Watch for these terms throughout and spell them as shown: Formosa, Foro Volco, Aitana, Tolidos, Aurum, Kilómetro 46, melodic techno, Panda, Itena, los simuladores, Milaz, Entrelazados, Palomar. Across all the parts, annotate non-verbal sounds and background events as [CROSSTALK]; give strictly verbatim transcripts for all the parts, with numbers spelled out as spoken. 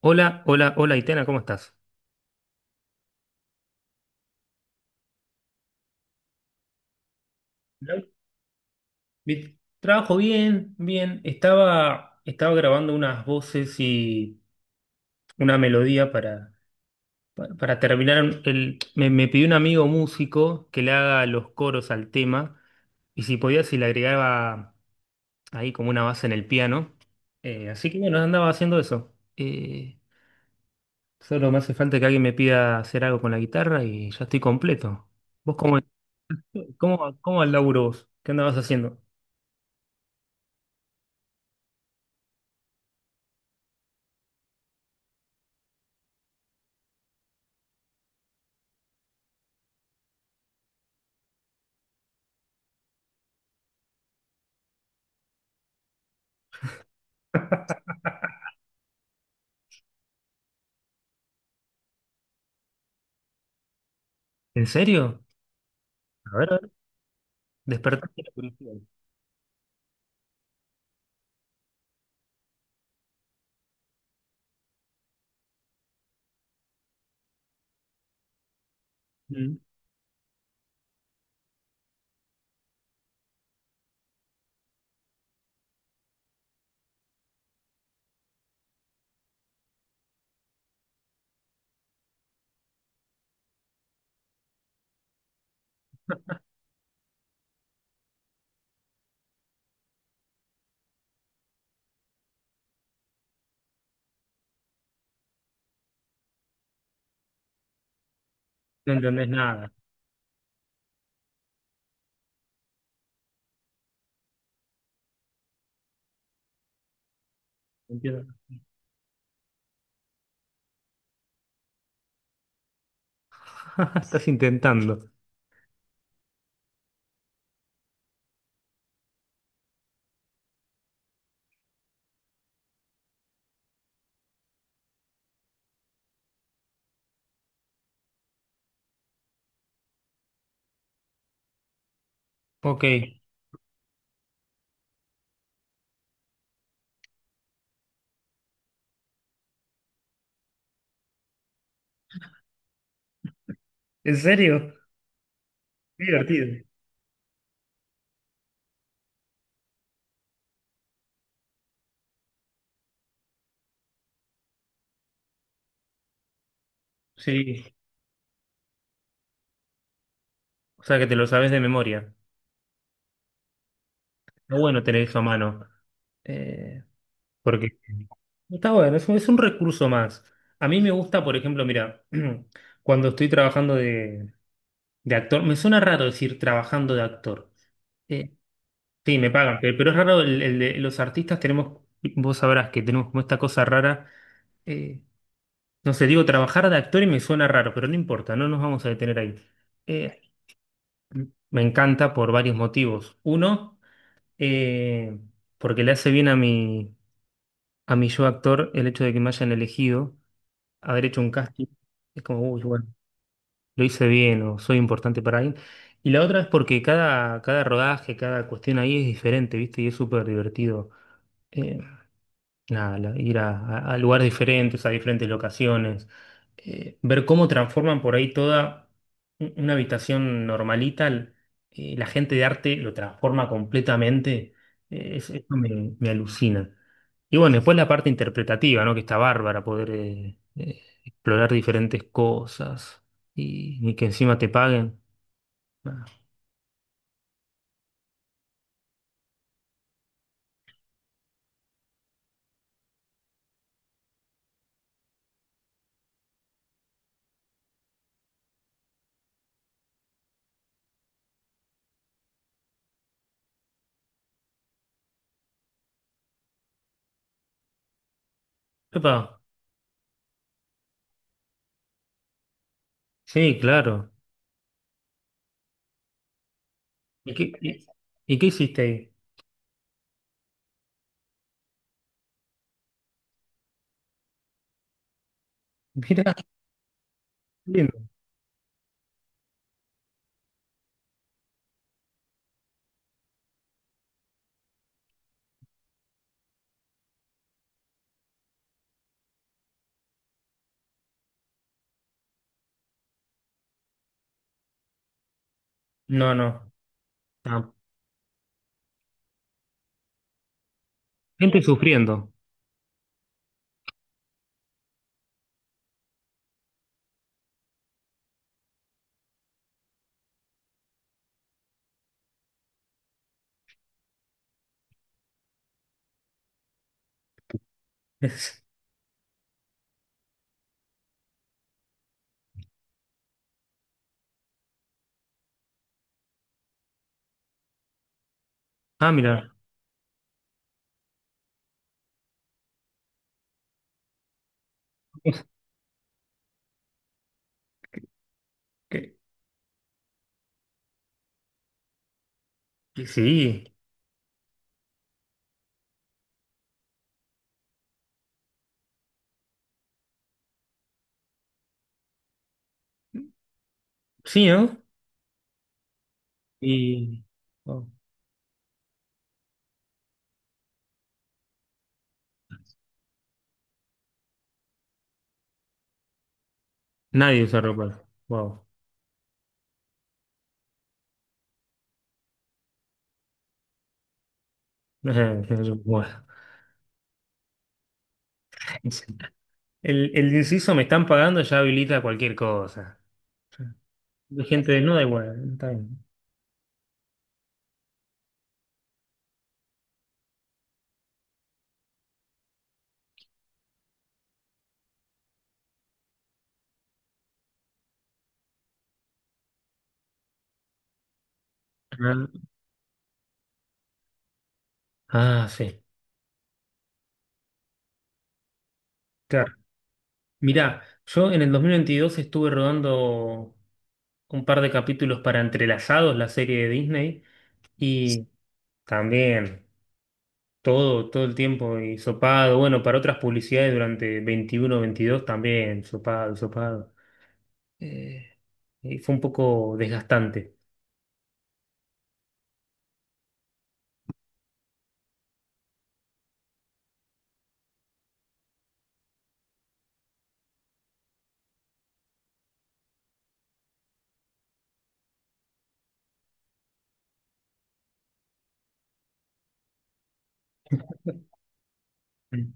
Hola, hola, hola, Itena, ¿cómo estás? Vi- Trabajo bien, bien. Estaba, estaba grabando unas voces y una melodía para, pa- para terminar. El, me, me pidió un amigo músico que le haga los coros al tema y si podía, si le agregaba ahí como una base en el piano. Eh, así que bueno, andaba haciendo eso. Eh, solo me hace falta que alguien me pida hacer algo con la guitarra y ya estoy completo. ¿Vos cómo, cómo, cómo al laburo vos? ¿Qué andabas haciendo? ¿En serio? A ver, a ver, despertaste la curiosidad. Mm. No entendés nada. Entiendo. [LAUGHS] Estás intentando. Ok. ¿En serio? Qué divertido. Sí. O sea que te lo sabes de memoria. Está bueno tener eso a mano. Eh, porque está bueno, es un, es un recurso más. A mí me gusta, por ejemplo, mira, [CLEARS THROAT] cuando estoy trabajando de, de actor, me suena raro decir trabajando de actor. Eh, sí, me pagan, pe- pero, es raro, el- el de- los artistas tenemos, vos sabrás que tenemos como esta cosa rara. eh, No sé, digo, trabajar de actor y me suena raro, pero no importa, no nos vamos a detener ahí. Eh, me encanta por varios motivos. Uno, eh, porque le hace bien a mi, a mi yo actor el hecho de que me hayan elegido, haber hecho un casting. Es como, uy, bueno, lo hice bien o soy importante para alguien. Y la otra es porque cada, cada rodaje, cada cuestión ahí es diferente, ¿viste? Y es súper divertido. la- la- ir a, a- a lugares diferentes, a diferentes locaciones, eh, ver cómo transforman por ahí toda un- una habitación normalita, l- eh, la gente de arte lo transforma completamente, eh, es- eso me, me alucina. Y bueno, después la parte interpretativa, ¿no? Que está bárbara, poder eh, eh, explorar diferentes cosas y, y que encima te paguen. Ah, epa, sí, claro. ¿Y qué, y, y qué hiciste ahí? [LAUGHS] Mira, lindo. No, no. Gente sufriendo. [LAUGHS] Es- Ah, mira. Que- que Sí, sí, ¿no? Y wow, nadie usa ropa. Wow. [LAUGHS] Bueno. El, el inciso me están pagando ya habilita cualquier cosa. De gente desnuda igual. Está bien. Ah, ah, sí. Claro. Mirá, yo en el dos mil veintidós estuve rodando un par de capítulos para Entrelazados, la serie de Disney, y también. Todo, todo el tiempo, y sopado. Bueno, para otras publicidades durante veintiuno veintidós también, sopado, sopado. Eh, y fue un poco desgastante. Mm.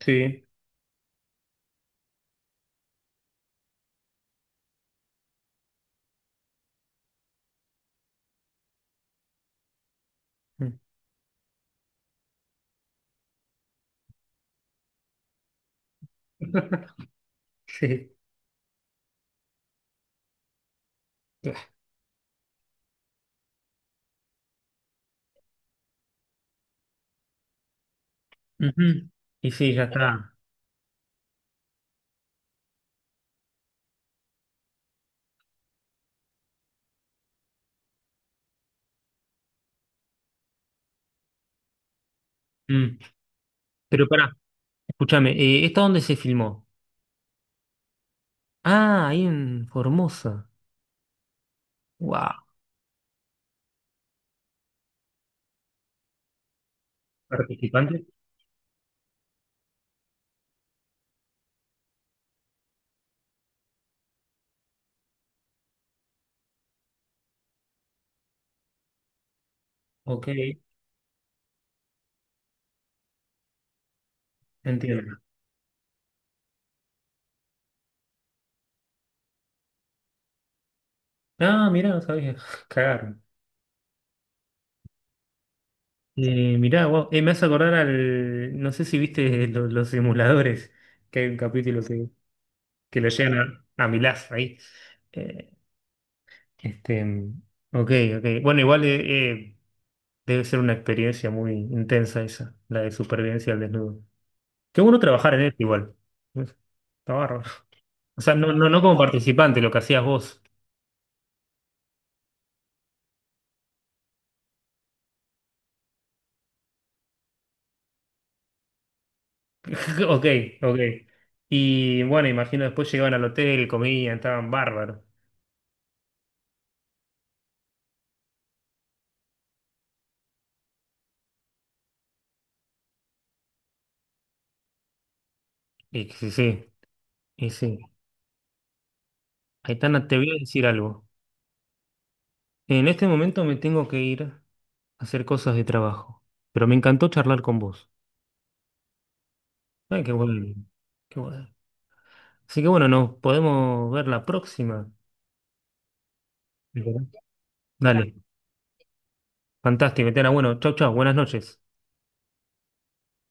Sí. Mm. [LAUGHS] Sí. Ujú. Y sí, ya está. Mm. Pero pará, escúchame, eh, ¿esta dónde se filmó? Ah, ahí en Formosa. Wow. ¿Participante? Ok, entiendo. Ah, mirá, no sabía. [LAUGHS] Cagaron. Eh, mirá, vos, eh, me hace acordar al. No sé si viste [LAUGHS] lo- los, simuladores, que hay un capítulo que, que lo llegan a, a Milaz ahí. Eh, este, mm, ok, ok. Bueno, igual eh, eh, debe ser una experiencia muy intensa esa, la de supervivencia al desnudo. Qué bueno trabajar en eso igual. Está bárbaro. O sea, no, no, no como participante, lo que hacías vos. [LAUGHS] Ok, ok. Y bueno, imagino después llegaban al hotel, comían, estaban bárbaros. Y sí, sí, y sí. Aitana, te voy a decir algo. En este momento me tengo que ir a hacer cosas de trabajo, pero me encantó charlar con vos. Ay, qué bueno, qué bueno. Así que bueno, nos podemos ver la próxima. ¿Te acordás? Dale, fantástico, Aitana. Bueno, chau, chau, buenas noches.